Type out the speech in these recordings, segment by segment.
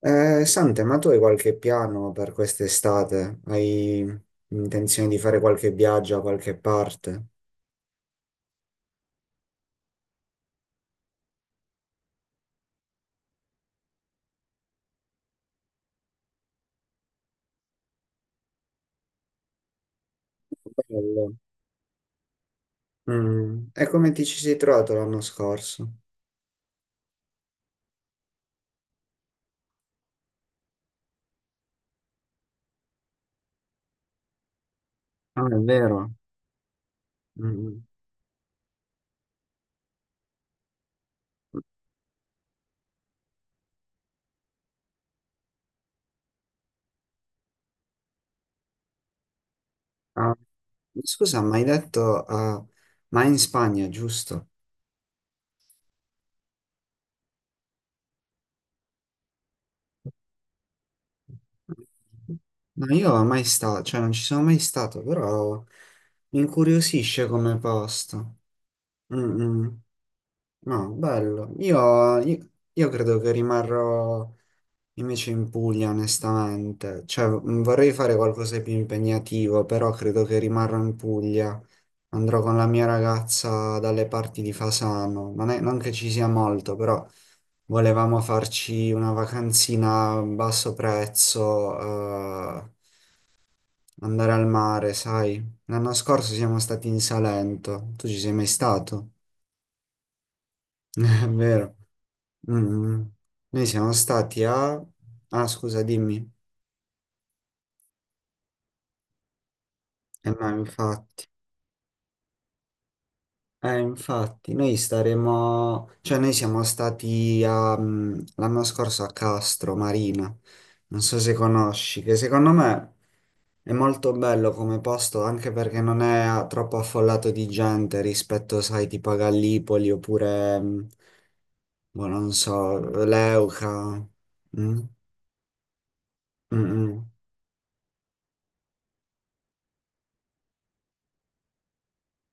Sante, ma tu hai qualche piano per quest'estate? Hai intenzione di fare qualche viaggio a qualche parte? Bello. E come ti ci sei trovato l'anno scorso? Ah, è vero. Mm. Ah, scusa, ma hai detto, ma in Spagna, giusto? No, io mai stato, cioè non ci sono mai stato, però mi incuriosisce come posto. Mm, mm. No, bello. Io credo che rimarrò invece in Puglia, onestamente. Cioè, vorrei fare qualcosa di più impegnativo, però credo che rimarrò in Puglia. Andrò con la mia ragazza dalle parti di Fasano. Non che ci sia molto, però volevamo farci una vacanzina a basso prezzo, andare al mare, sai. L'anno scorso siamo stati in Salento. Tu ci sei mai stato? È vero. Mm. Noi siamo stati a. Ah, scusa, dimmi. No, infatti. Infatti, noi staremo. Cioè, noi siamo stati a, l'anno scorso a Castro Marina. Non so se conosci, che secondo me è molto bello come posto, anche perché non è a- troppo affollato di gente rispetto, sai, tipo a Gallipoli oppure, boh, non so, Leuca. Mm? Mm-mm.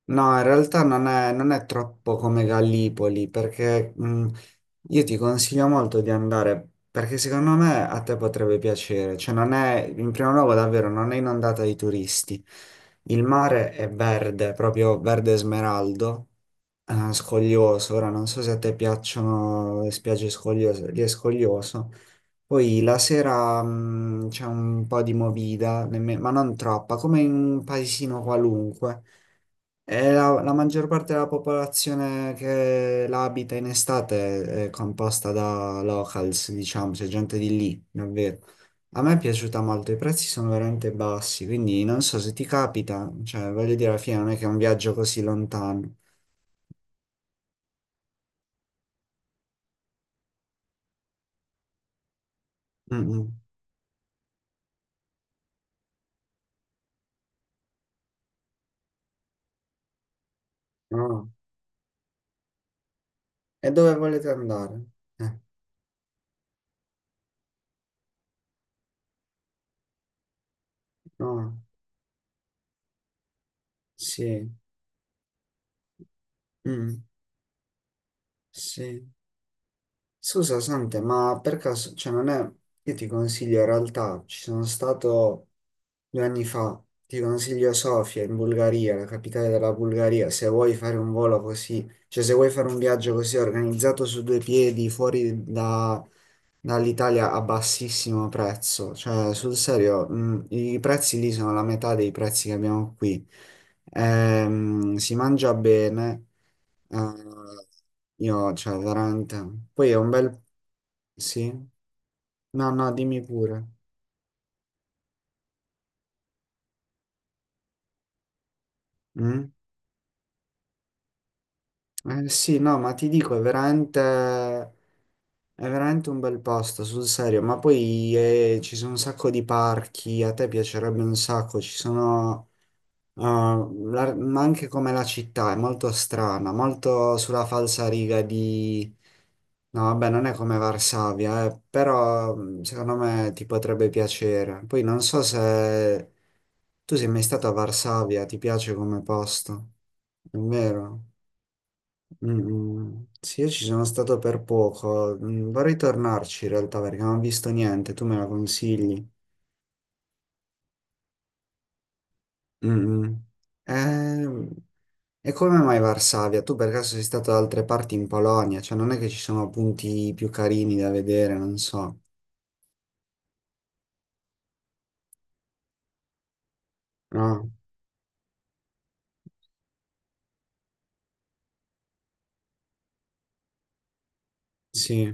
No, in realtà non è troppo come Gallipoli, perché io ti consiglio molto di andare, perché secondo me a te potrebbe piacere. Cioè, non è, in primo luogo, davvero, non è inondata di turisti. Il mare è verde, proprio verde smeraldo, scoglioso. Ora non so se a te piacciono le spiagge scogliose, lì è scoglioso. Poi la sera c'è un po' di movida, ma non troppa, come in un paesino qualunque. E la maggior parte della popolazione che la abita in estate è composta da locals, diciamo, c'è gente di lì, davvero. A me è piaciuta molto, i prezzi sono veramente bassi, quindi non so se ti capita, cioè voglio dire, alla fine non è che è un viaggio così lontano. Mm, mm. No. E dove volete andare? Eh, no, sì, Mm, sì. Scusa, Sante, ma per caso, cioè non è. Io ti consiglio, in realtà, ci sono stato, 2 anni fa. Ti consiglio Sofia in Bulgaria, la capitale della Bulgaria, se vuoi fare un volo così, cioè se vuoi fare un viaggio così organizzato su due piedi dall'Italia a bassissimo prezzo, cioè sul serio, i prezzi lì sono la metà dei prezzi che abbiamo qui. Si mangia bene, eh, io, cioè veramente. Poi è un bel. Sì? No, no, dimmi pure. Mm? Sì, no, ma ti dico, è veramente un bel posto, sul serio. Ma poi ci sono un sacco di parchi, a te piacerebbe un sacco, ci sono, ma anche come la città è molto strana, molto sulla falsariga di. No, vabbè, non è come Varsavia, però secondo me ti potrebbe piacere. Poi non so se tu sei mai stato a Varsavia, ti piace come posto, è vero? Sì, io ci sono stato per poco, vorrei tornarci in realtà perché non ho visto niente, tu me la consigli. Mm, mm. Eh, e come mai Varsavia? Tu per caso sei stato da altre parti in Polonia? Cioè non è che ci sono punti più carini da vedere, non so. Ah, sì,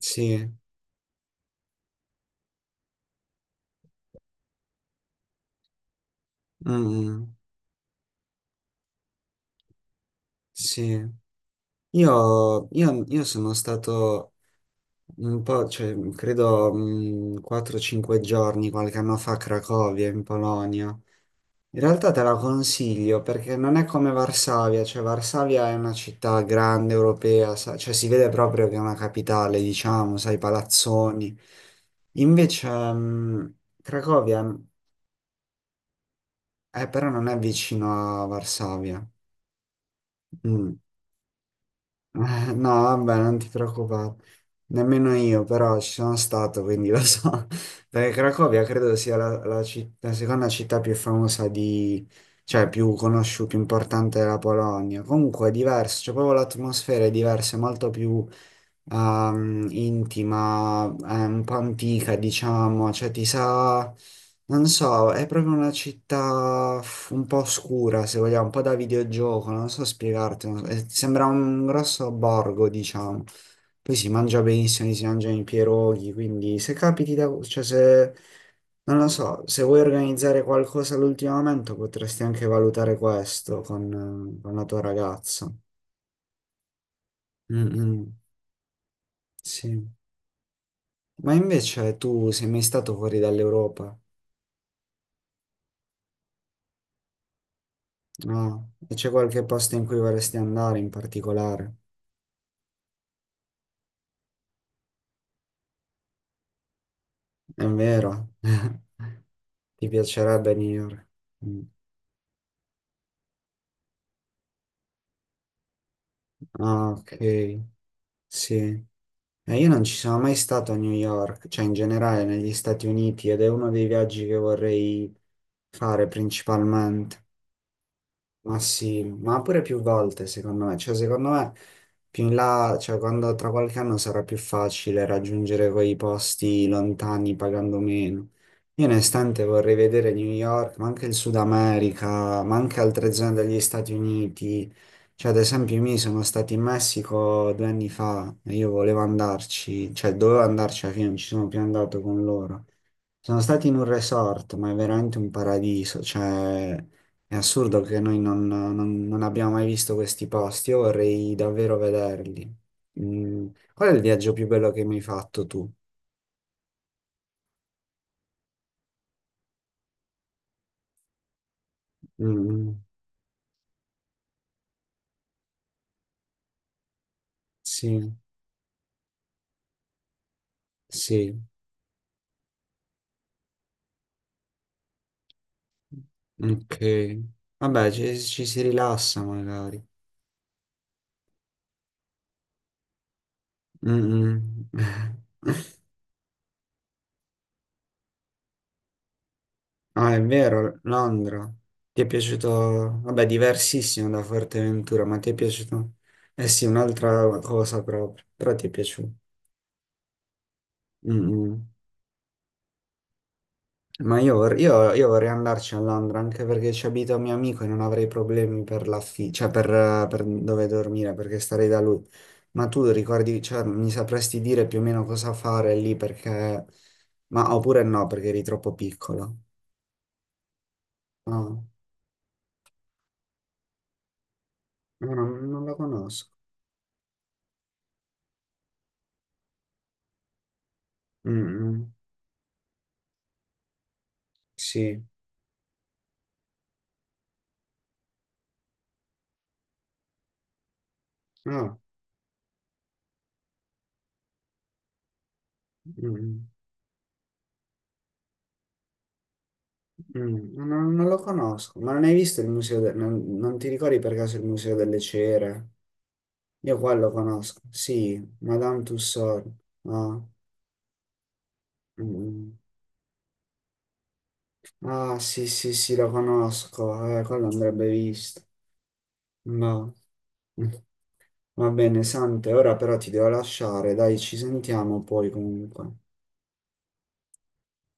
sì, Mm, sì. Io sono stato un po', cioè, credo, 4-5 giorni qualche anno fa a Cracovia, in Polonia. In realtà te la consiglio perché non è come Varsavia, cioè Varsavia è una città grande europea, cioè si vede proprio che è una capitale, diciamo, sai, i palazzoni. Invece Cracovia è però non è vicino a Varsavia. Mm. No, vabbè, non ti preoccupare. Nemmeno io, però ci sono stato, quindi lo so. Perché Cracovia credo sia la seconda città più famosa di. Cioè più conosciuta, più importante della Polonia. Comunque è diverso, cioè proprio l'atmosfera è diversa, è molto più intima, è un po' antica, diciamo, cioè ti sa. Non so, è proprio una città un po' oscura, se vogliamo, un po' da videogioco, non so spiegarti. Sembra un grosso borgo, diciamo. Poi si mangia benissimo, si mangiano i pierogi, quindi se capiti da. Cioè se. Non lo so, se vuoi organizzare qualcosa all'ultimo momento potresti anche valutare questo con la tua ragazza. Mm, mm, sì. Ma invece tu sei mai stato fuori dall'Europa? No? E c'è qualche posto in cui vorresti andare in particolare? È vero. Ti piacerebbe New York? Mm. Ah, ok. Sì. Io non ci sono mai stato a New York, cioè in generale negli Stati Uniti, ed è uno dei viaggi che vorrei fare principalmente. Ma sì, ma pure più volte secondo me, cioè secondo me più in là, cioè quando tra qualche anno sarà più facile raggiungere quei posti lontani pagando meno. Io onestamente vorrei vedere New York, ma anche il Sud America, ma anche altre zone degli Stati Uniti. Cioè ad esempio io mi sono stato in Messico 2 anni fa e io volevo andarci, cioè dovevo andarci alla fine, non ci sono più andato con loro. Sono stati in un resort, ma è veramente un paradiso, cioè è assurdo che noi non abbiamo mai visto questi posti, io vorrei davvero vederli. Mm, Qual è il viaggio più bello che mi hai fatto tu? Mm, mm. Sì, sì, ok. Vabbè, ci si rilassa magari. Mm, mm. Ah, è vero, Londra. Ti è piaciuto? Vabbè, diversissimo da Forteventura, ma ti è piaciuto? Eh sì, un'altra cosa proprio, però ti è piaciuto. Mm, mm. Ma io vorrei andarci a Londra anche perché ci abita un mio amico e non avrei problemi per l'affitto, cioè per dove dormire perché starei da lui. Ma tu ricordi, cioè, mi sapresti dire più o meno cosa fare lì perché. Ma oppure no, perché eri troppo piccolo. No, no, non la conosco. Mm, mm. Sì. No, mm, non lo conosco, ma non hai visto il museo del. Non ti ricordi per caso il museo delle cere? Io qua lo conosco, sì, Madame Tussauds, no? Mm. Ah, sì, sì, sì, lo conosco, quello andrebbe visto, no. Mm. Va bene, Sante, ora però ti devo lasciare, dai, ci sentiamo poi comunque.